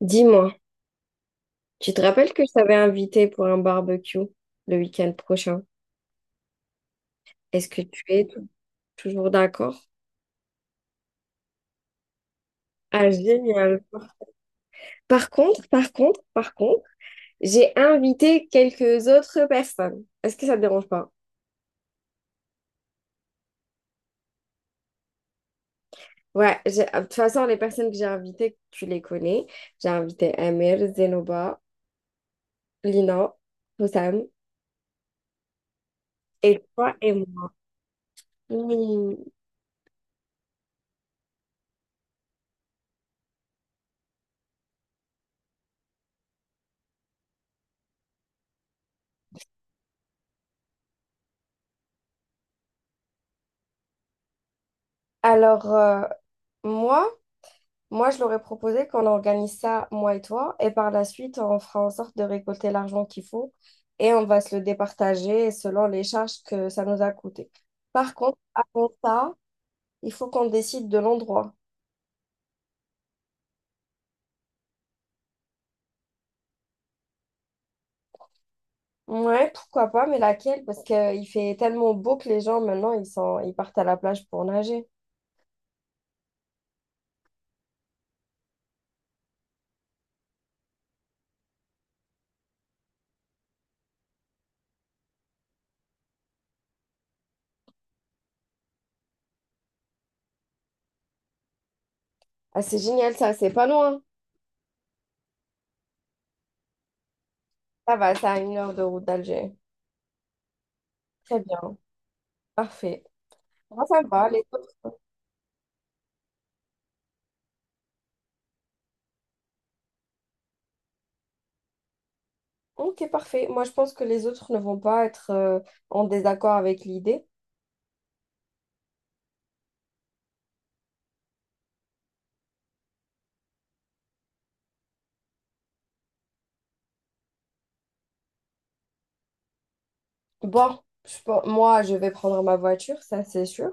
Dis-moi, tu te rappelles que je t'avais invité pour un barbecue le week-end prochain? Est-ce que tu es toujours d'accord? Ah, génial. Par contre, j'ai invité quelques autres personnes. Est-ce que ça te dérange pas? Ouais, de toute façon, les personnes que j'ai invitées, tu les connais. J'ai invité Amir, Zenoba, Lina, Hossam et toi et moi. Oui. Alors, euh, moi, Moi, je leur ai proposé qu'on organise ça, moi et toi, et par la suite, on fera en sorte de récolter l'argent qu'il faut et on va se le départager selon les charges que ça nous a coûté. Par contre, avant ça, il faut qu'on décide de l'endroit. Ouais, pourquoi pas, mais laquelle? Parce qu'il fait tellement beau que les gens, maintenant, ils sont, ils partent à la plage pour nager. Ah, c'est génial, ça, c'est pas loin. Ça va, ça a 1 heure de route d'Alger. Très bien, parfait. Moi, ça me va, les autres. Ok, parfait. Moi, je pense que les autres ne vont pas être en désaccord avec l'idée. Bon, moi, je vais prendre ma voiture, ça c'est sûr.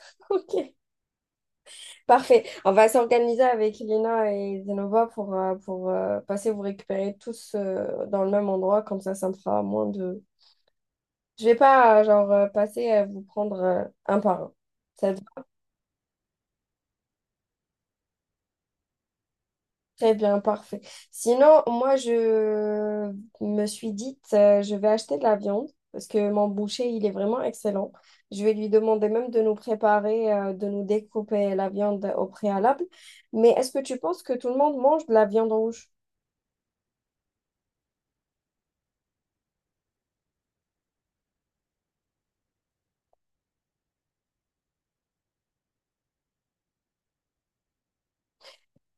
Ok, parfait. On va s'organiser avec Lina et Zenova pour passer vous récupérer tous dans le même endroit. Comme ça me fera moins de… Je vais pas, genre, passer à vous prendre un par un. Ça Très bien, parfait. Sinon, moi, je me suis dit, je vais acheter de la viande parce que mon boucher, il est vraiment excellent. Je vais lui demander même de nous préparer, de nous découper la viande au préalable. Mais est-ce que tu penses que tout le monde mange de la viande rouge?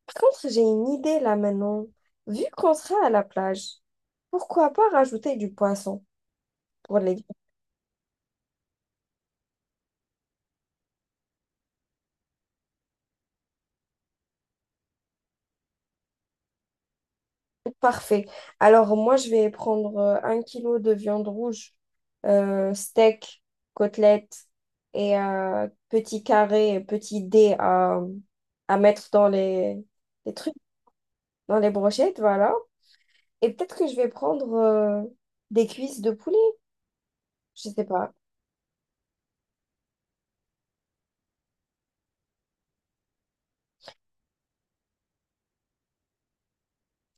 Par contre, j'ai une idée là maintenant. Vu qu'on sera à la plage, pourquoi pas rajouter du poisson pour les… Parfait. Alors, moi, je vais prendre un kilo de viande rouge, steak, côtelette et petits carrés, petits dés à mettre dans les trucs, dans les brochettes, voilà. Et peut-être que je vais prendre des cuisses de poulet, je sais pas.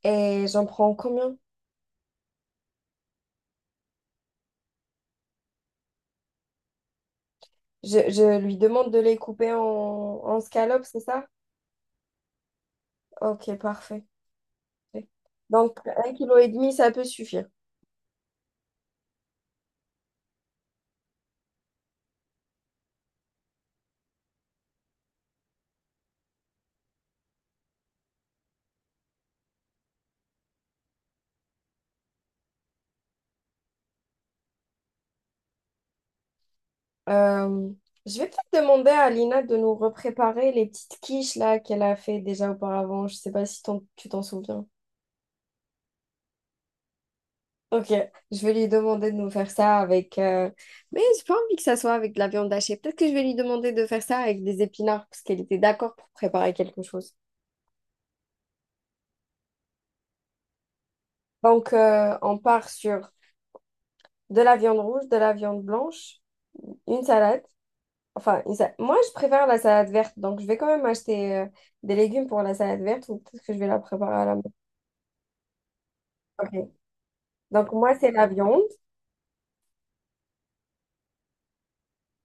Et j'en prends combien? Je lui demande de les couper en, en scallops, c'est ça? Ok, parfait. Ouais. Donc, 1 kilo et demi, ça peut suffire. Euh, je vais peut-être demander à Lina de nous repréparer les petites quiches là qu'elle a fait déjà auparavant. Je sais pas si tu t'en souviens. Ok, je vais lui demander de nous faire ça avec. Mais j'ai pas envie que ça soit avec de la viande hachée. Peut-être que je vais lui demander de faire ça avec des épinards parce qu'elle était d'accord pour préparer quelque chose. Donc, on part sur de la viande rouge, de la viande blanche, une salade. Enfin, moi, je préfère la salade verte, donc je vais quand même acheter des légumes pour la salade verte ou peut-être que je vais la préparer à la maison. Ok. Donc, moi, c'est la viande,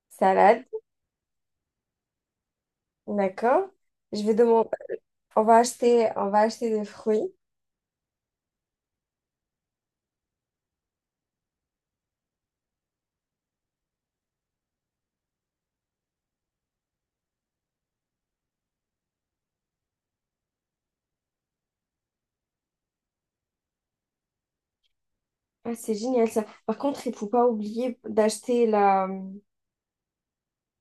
salade, d'accord. Je vais demander, on va acheter des fruits. Ah, c'est génial ça. Par contre, il faut pas oublier d'acheter la,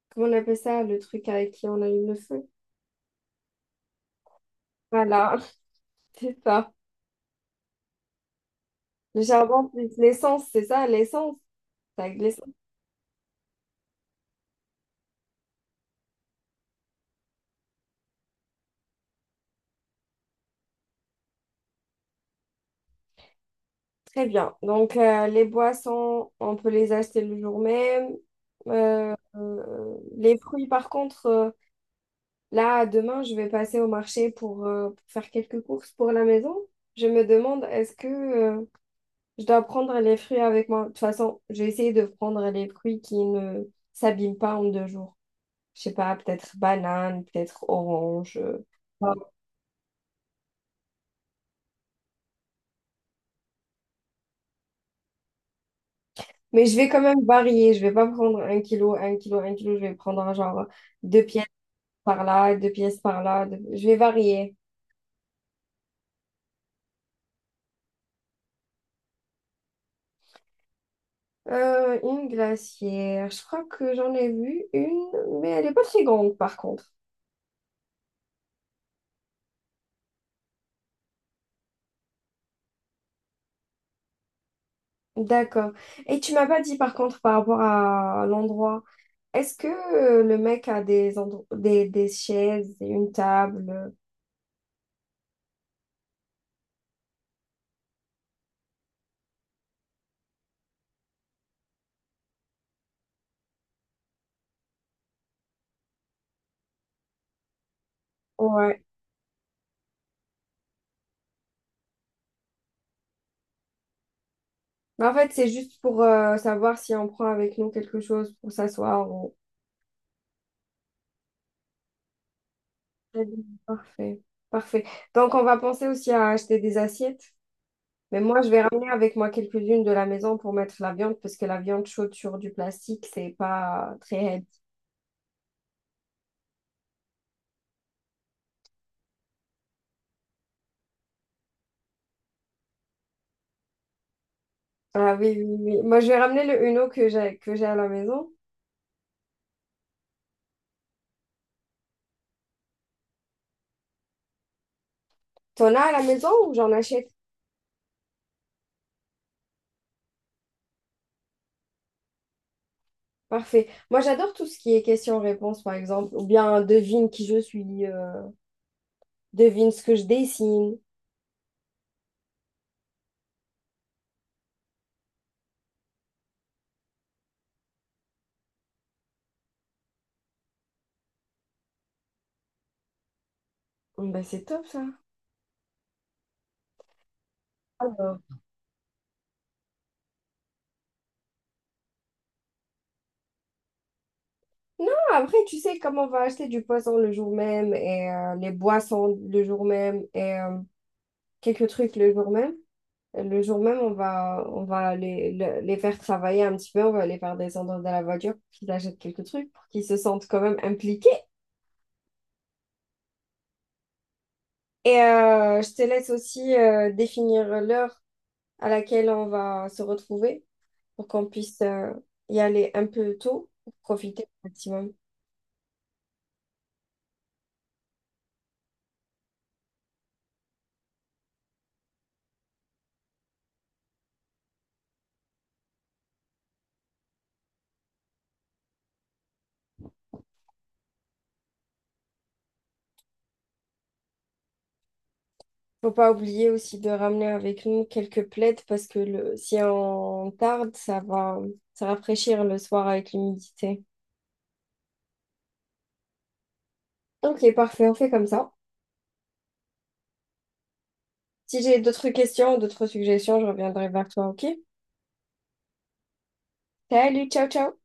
comment on appelle ça, le truc avec qui on allume le feu? Voilà, c'est ça. Le charbon plus l'essence, c'est ça, l'essence. C'est avec l'essence. Très bien. Donc, les boissons, on peut les acheter le jour même. Les fruits, par contre, là, demain, je vais passer au marché pour faire quelques courses pour la maison. Je me demande, est-ce que je dois prendre les fruits avec moi? De toute façon, j'ai essayé de prendre les fruits qui ne s'abîment pas en 2 jours. Je sais pas, peut-être banane, peut-être orange. Ah, mais je vais quand même varier. Je vais pas prendre un kilo, un kilo, un kilo. Je vais prendre un genre 2 pièces par là, 2 pièces par là. Je vais varier. Une glacière. Je crois que j'en ai vu une, mais elle est pas très grande par contre. D'accord. Et tu m'as pas dit par contre par rapport à l'endroit. Est-ce que le mec a des chaises, et une table? Ouais. Mais en fait, c'est juste pour savoir si on prend avec nous quelque chose pour s'asseoir. Parfait. Parfait. Donc, on va penser aussi à acheter des assiettes. Mais moi, je vais ramener avec moi quelques-unes de la maison pour mettre la viande, parce que la viande chaude sur du plastique, c'est pas très healthy. Ah oui, oui, oui. Moi, je vais ramener le Uno que j'ai à la maison. T'en as à la maison ou j'en achète? Parfait. Moi, j'adore tout ce qui est question-réponse, par exemple, ou bien devine qui je suis, devine ce que je dessine. Bon, Ben, c'est top, ça. Alors, non, après, tu sais, comment on va acheter du poisson le jour même et les boissons le jour même et quelques trucs le jour même, on va les faire travailler un petit peu, on va les faire descendre de la voiture pour qu'ils achètent quelques trucs, pour qu'ils se sentent quand même impliqués. Et je te laisse aussi définir l'heure à laquelle on va se retrouver pour qu'on puisse y aller un peu tôt pour profiter au maximum. Faut pas oublier aussi de ramener avec nous quelques plaids parce que le, si on tarde, ça va se rafraîchir le soir avec l'humidité. Ok, parfait, on fait comme ça. Si j'ai d'autres questions, d'autres suggestions, je reviendrai vers toi, ok? Salut, ciao, ciao!